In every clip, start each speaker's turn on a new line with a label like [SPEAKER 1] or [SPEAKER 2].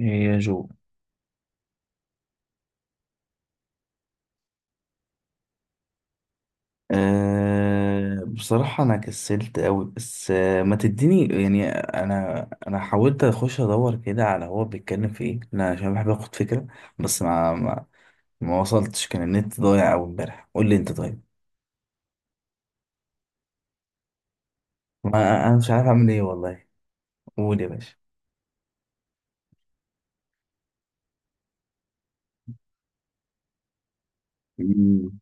[SPEAKER 1] يا جو، بصراحة أنا كسلت أوي. بس ما تديني، يعني أنا حاولت أخش أدور كده على هو بيتكلم في إيه، أنا عشان بحب آخد فكرة. بس ما وصلتش، كان النت ضايع أوي إمبارح. قول لي أنت طيب. ما أنا مش عارف أعمل إيه والله. قول يا باشا. مم.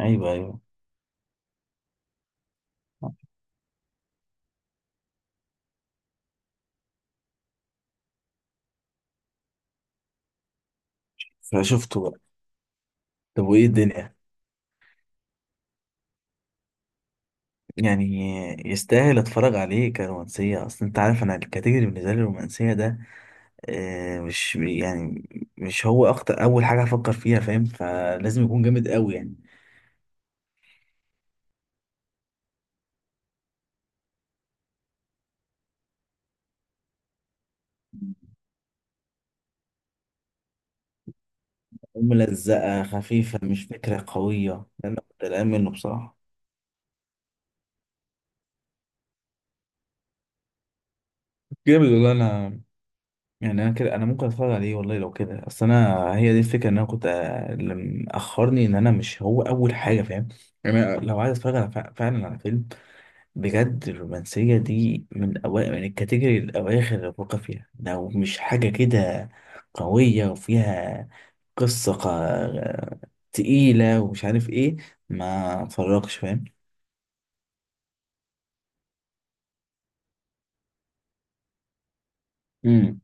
[SPEAKER 1] أيوه أيوه. فشفته بقى. طب وإيه الدنيا؟ يعني يستاهل أتفرج عليه كرومانسية؟ أصل أنت عارف أنا الكاتيجوري بالنسبة لي الرومانسية ده مش يعني مش هو اكتر اول حاجه هفكر فيها، فاهم. فلازم يكون جامد قوي يعني. ملزقه خفيفه، مش فكره قويه، ده انا كنت قلقان منه بصراحه. جامد والله. انا يعني انا كده انا ممكن اتفرج عليه والله لو كده. اصل انا هي دي الفكره ان انا كنت اللي مأخرني ان انا مش هو اول حاجه، فاهم. يعني أنا لو عايز اتفرج على فعلا على فيلم بجد، الرومانسية دي من أوائل من الكاتيجوري الأواخر اللي بفكر فيها، لو مش حاجة كده قوية وفيها قصة تقيلة ومش عارف إيه ما اتفرجش، فاهم. امم.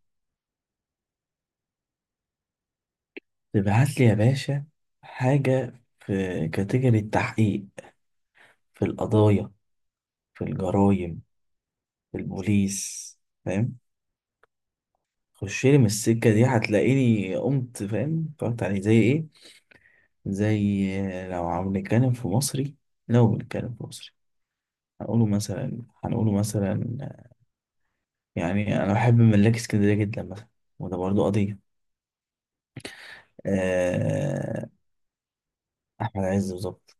[SPEAKER 1] تبعت لي يا باشا حاجة في كاتيجوري التحقيق، في القضايا، في الجرايم، في البوليس، فاهم. خش لي من السكة دي هتلاقيني قمت، فاهم، اتفرجت عليه زي إيه. زي، لو عم نتكلم في مصري، لو بنتكلم في مصري، هنقوله مثلا. يعني أنا بحب ملاك اسكندرية جدا مثلا، وده برضه قضية. آه، أحمد عز بالظبط.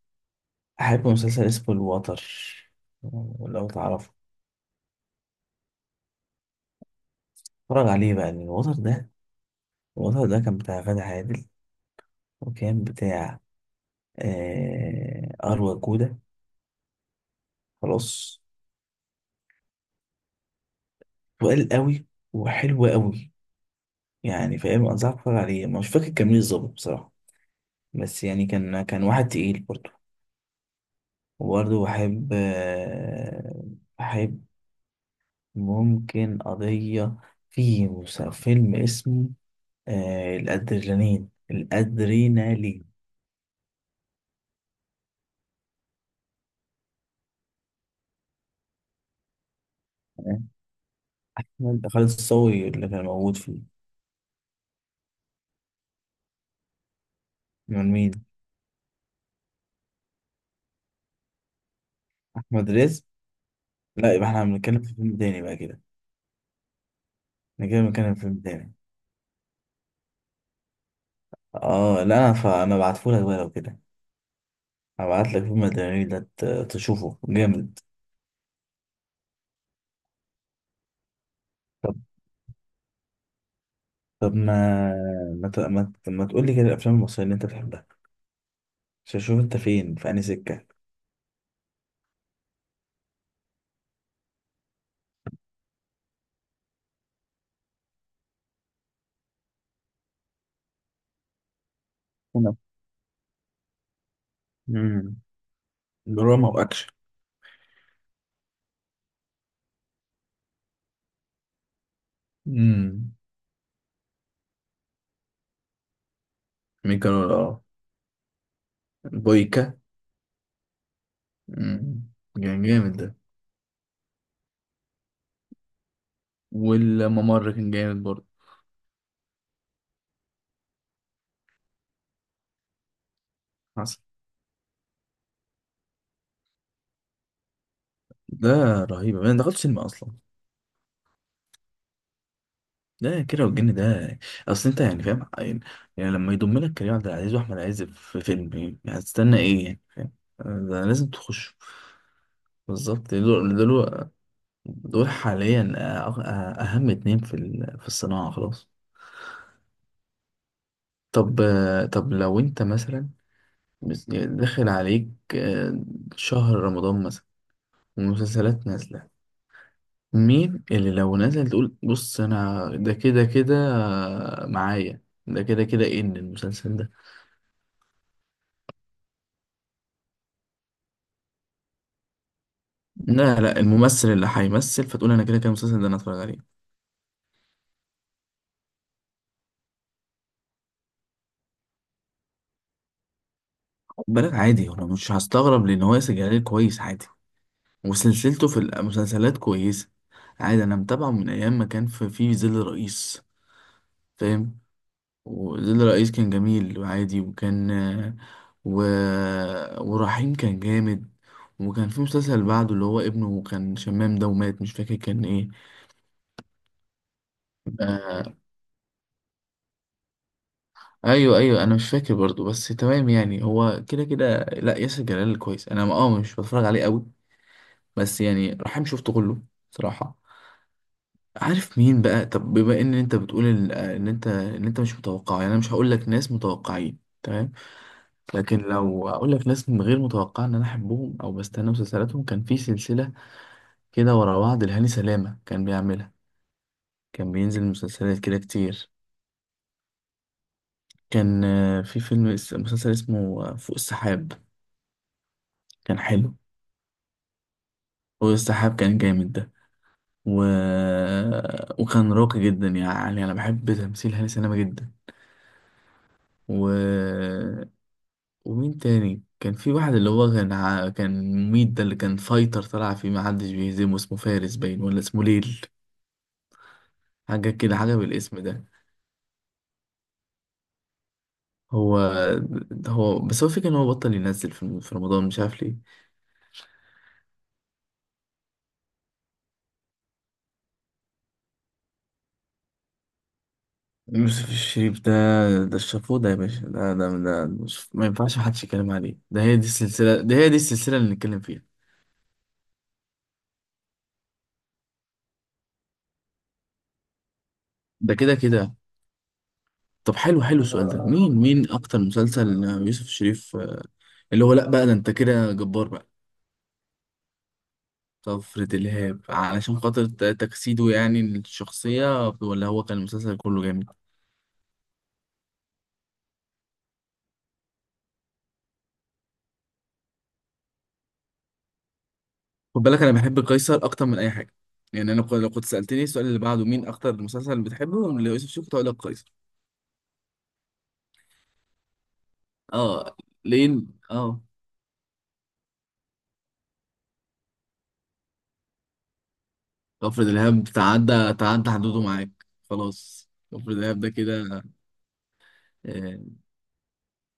[SPEAKER 1] أحب مسلسل اسمه الوتر، لو تعرفه اتفرج عليه بقى، لأن الوتر ده كان بتاع غادة عادل، وكان بتاع أروى جودة. خلاص. وقال قوي وحلو قوي، يعني فاهم، أنصحك تتفرج عليه. مش فاكر كان مين بالظبط بصراحة، بس يعني كان واحد تقيل برضه. وبرضه بحب ممكن قضية. في فيلم اسمه الأدرينالين تمام؟ أحمد خالد الصاوي اللي كان موجود فيه. من مين؟ أحمد رزق؟ لا، يبقى احنا بنتكلم في فيلم تاني بقى كده. احنا كده بنتكلم في فيلم تاني. اه لا، انا فانا بعتهولك بقى لو كده، هبعتلك فيلم الأدرينالين ده تشوفه جامد. طب ما تقول لي كده الافلام المصريه اللي انت بتحبها، عشان اشوف انت فين في انهي سكه. أنا. امم. دراما واكشن. امم. ميكانول اه. بويكا. مم. كان جامد ده. والممر كان جامد برضه. حصل. ده رهيب، انا دخلت سينما اصلا. ده كده، والجن ده. اصل انت يعني فاهم، يعني لما يضم لك كريم عبد العزيز واحمد عز في فيلم، يعني هتستنى ايه، يعني فاهم. آه، ده لازم تخش. بالظبط ده له. دول حاليا اهم اتنين في الصناعة، خلاص. طب طب لو انت مثلا، داخل عليك آه، شهر رمضان مثلا والمسلسلات نازلة، مين اللي لو نزل تقول بص انا ده كده كده معايا؟ ده كده كده ايه ان المسلسل ده؟ لا لا، الممثل اللي هيمثل فتقول انا كده كده المسلسل ده انا اتفرج عليه. خد بالك عادي، انا مش هستغرب، لان هو ياسر جلال كويس عادي، وسلسلته في المسلسلات كويسة. عادي، أنا متابعه من أيام ما كان في ظل رئيس، فاهم. وظل رئيس كان جميل وعادي، وكان و... ورحيم كان جامد. وكان في مسلسل بعده اللي هو ابنه كان شمام ده ومات، مش فاكر كان ايه. آه. ايوه ايوه. انا مش فاكر برضو، بس تمام يعني هو كده كده. لا ياسر جلال كويس، انا مش بتفرج عليه قوي، بس يعني رحيم شفته كله صراحة. عارف مين بقى؟ طب بما ان انت بتقول ان إن انت ان انت مش متوقع، يعني انا مش هقول لك ناس متوقعين تمام، لكن لو اقول لك ناس من غير متوقع ان انا احبهم او بستنى مسلسلاتهم، كان في سلسله كده ورا بعض لهاني سلامه كان بيعملها، كان بينزل مسلسلات كده كتير. كان في مسلسل اسمه فوق السحاب، كان حلو. فوق السحاب كان جامد ده. و... وكان راقي جدا، يعني انا بحب تمثيل هاني سلامه جدا. و ومين تاني كان في واحد اللي هو كان مميت، ده اللي كان فايتر طلع فيه محدش بيهزمه، اسمه فارس باين ولا اسمه ليل، حاجة كده حاجة بالاسم ده. هو هو بس هو فكرة ان هو بطل ينزل في رمضان، مش عارف ليه. يوسف الشريف ده، الشافوه ده يا باشا، ده مش ما ينفعش محدش يتكلم عليه. ده هي دي السلسلة ده هي دي السلسلة اللي نتكلم فيها. ده كده كده. طب حلو حلو السؤال ده، مين اكتر مسلسل يوسف الشريف؟ اللي هو لا بقى، ده انت كده جبار بقى. طفرة الإرهاب، علشان خاطر تجسيده يعني الشخصية، ولا هو كان المسلسل كله جامد؟ خد بالك أنا بحب قيصر أكتر من أي حاجة، يعني أنا لو كنت سألتني السؤال اللي بعده مين أكتر مسلسل بتحبه ليوسف شوقي كنت هقول لك قيصر. أه. لين أه. طفرة الإرهاب تعدى حدوده معاك. خلاص طفرة الإرهاب ده كده. آه،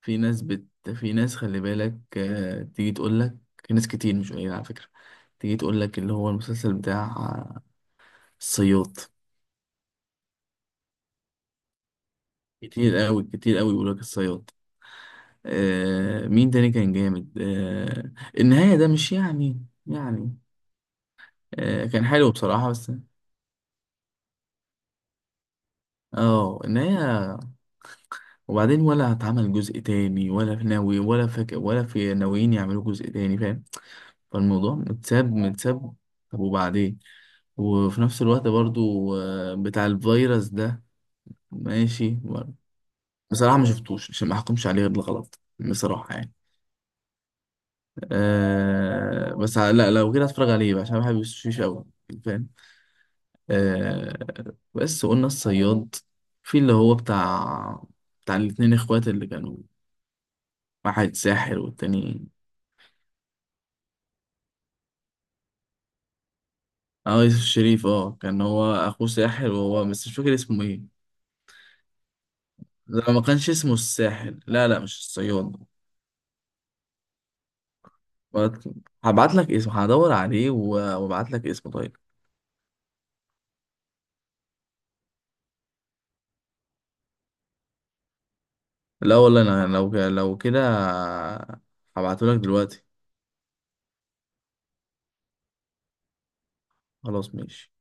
[SPEAKER 1] في ناس بت في ناس خلي بالك تيجي تقول لك، في ناس كتير مش قليلة على فكرة، تيجي تقول لك اللي هو المسلسل بتاع الصياد. كتير قوي كتير قوي بيقول لك الصياد. آه، مين تاني كان جامد؟ آه، النهاية ده مش يعني آه كان حلو بصراحة، بس اه النهاية. وبعدين، ولا اتعمل جزء تاني؟ ولا في ناوي ولا فك ولا في ناويين يعملوا جزء تاني، فاهم. فالموضوع متساب متساب. طب وبعدين؟ وفي نفس الوقت برضو بتاع الفيروس ده، ماشي. بصراحة ما شفتوش، عشان ما احكمش عليه غير الغلط بصراحة يعني. آه، بس لا لو كده هتفرج عليه بقى، عشان أنا بحب يوسف شيش قوي، فاهم. آه، بس قلنا الصياد. في اللي هو بتاع الاتنين اخوات اللي كانوا، واحد ساحر والتاني. اه، يوسف شريف. اه كان هو اخوه ساحر، وهو بس مش فاكر اسمه ايه. لا، ما كانش اسمه الساحر، لا لا، مش الصياد. هبعت لك اسمه، هدور عليه وابعت لك اسمه طيب. لا والله انا لو كده هبعته لك دلوقتي. خلاص ماشي.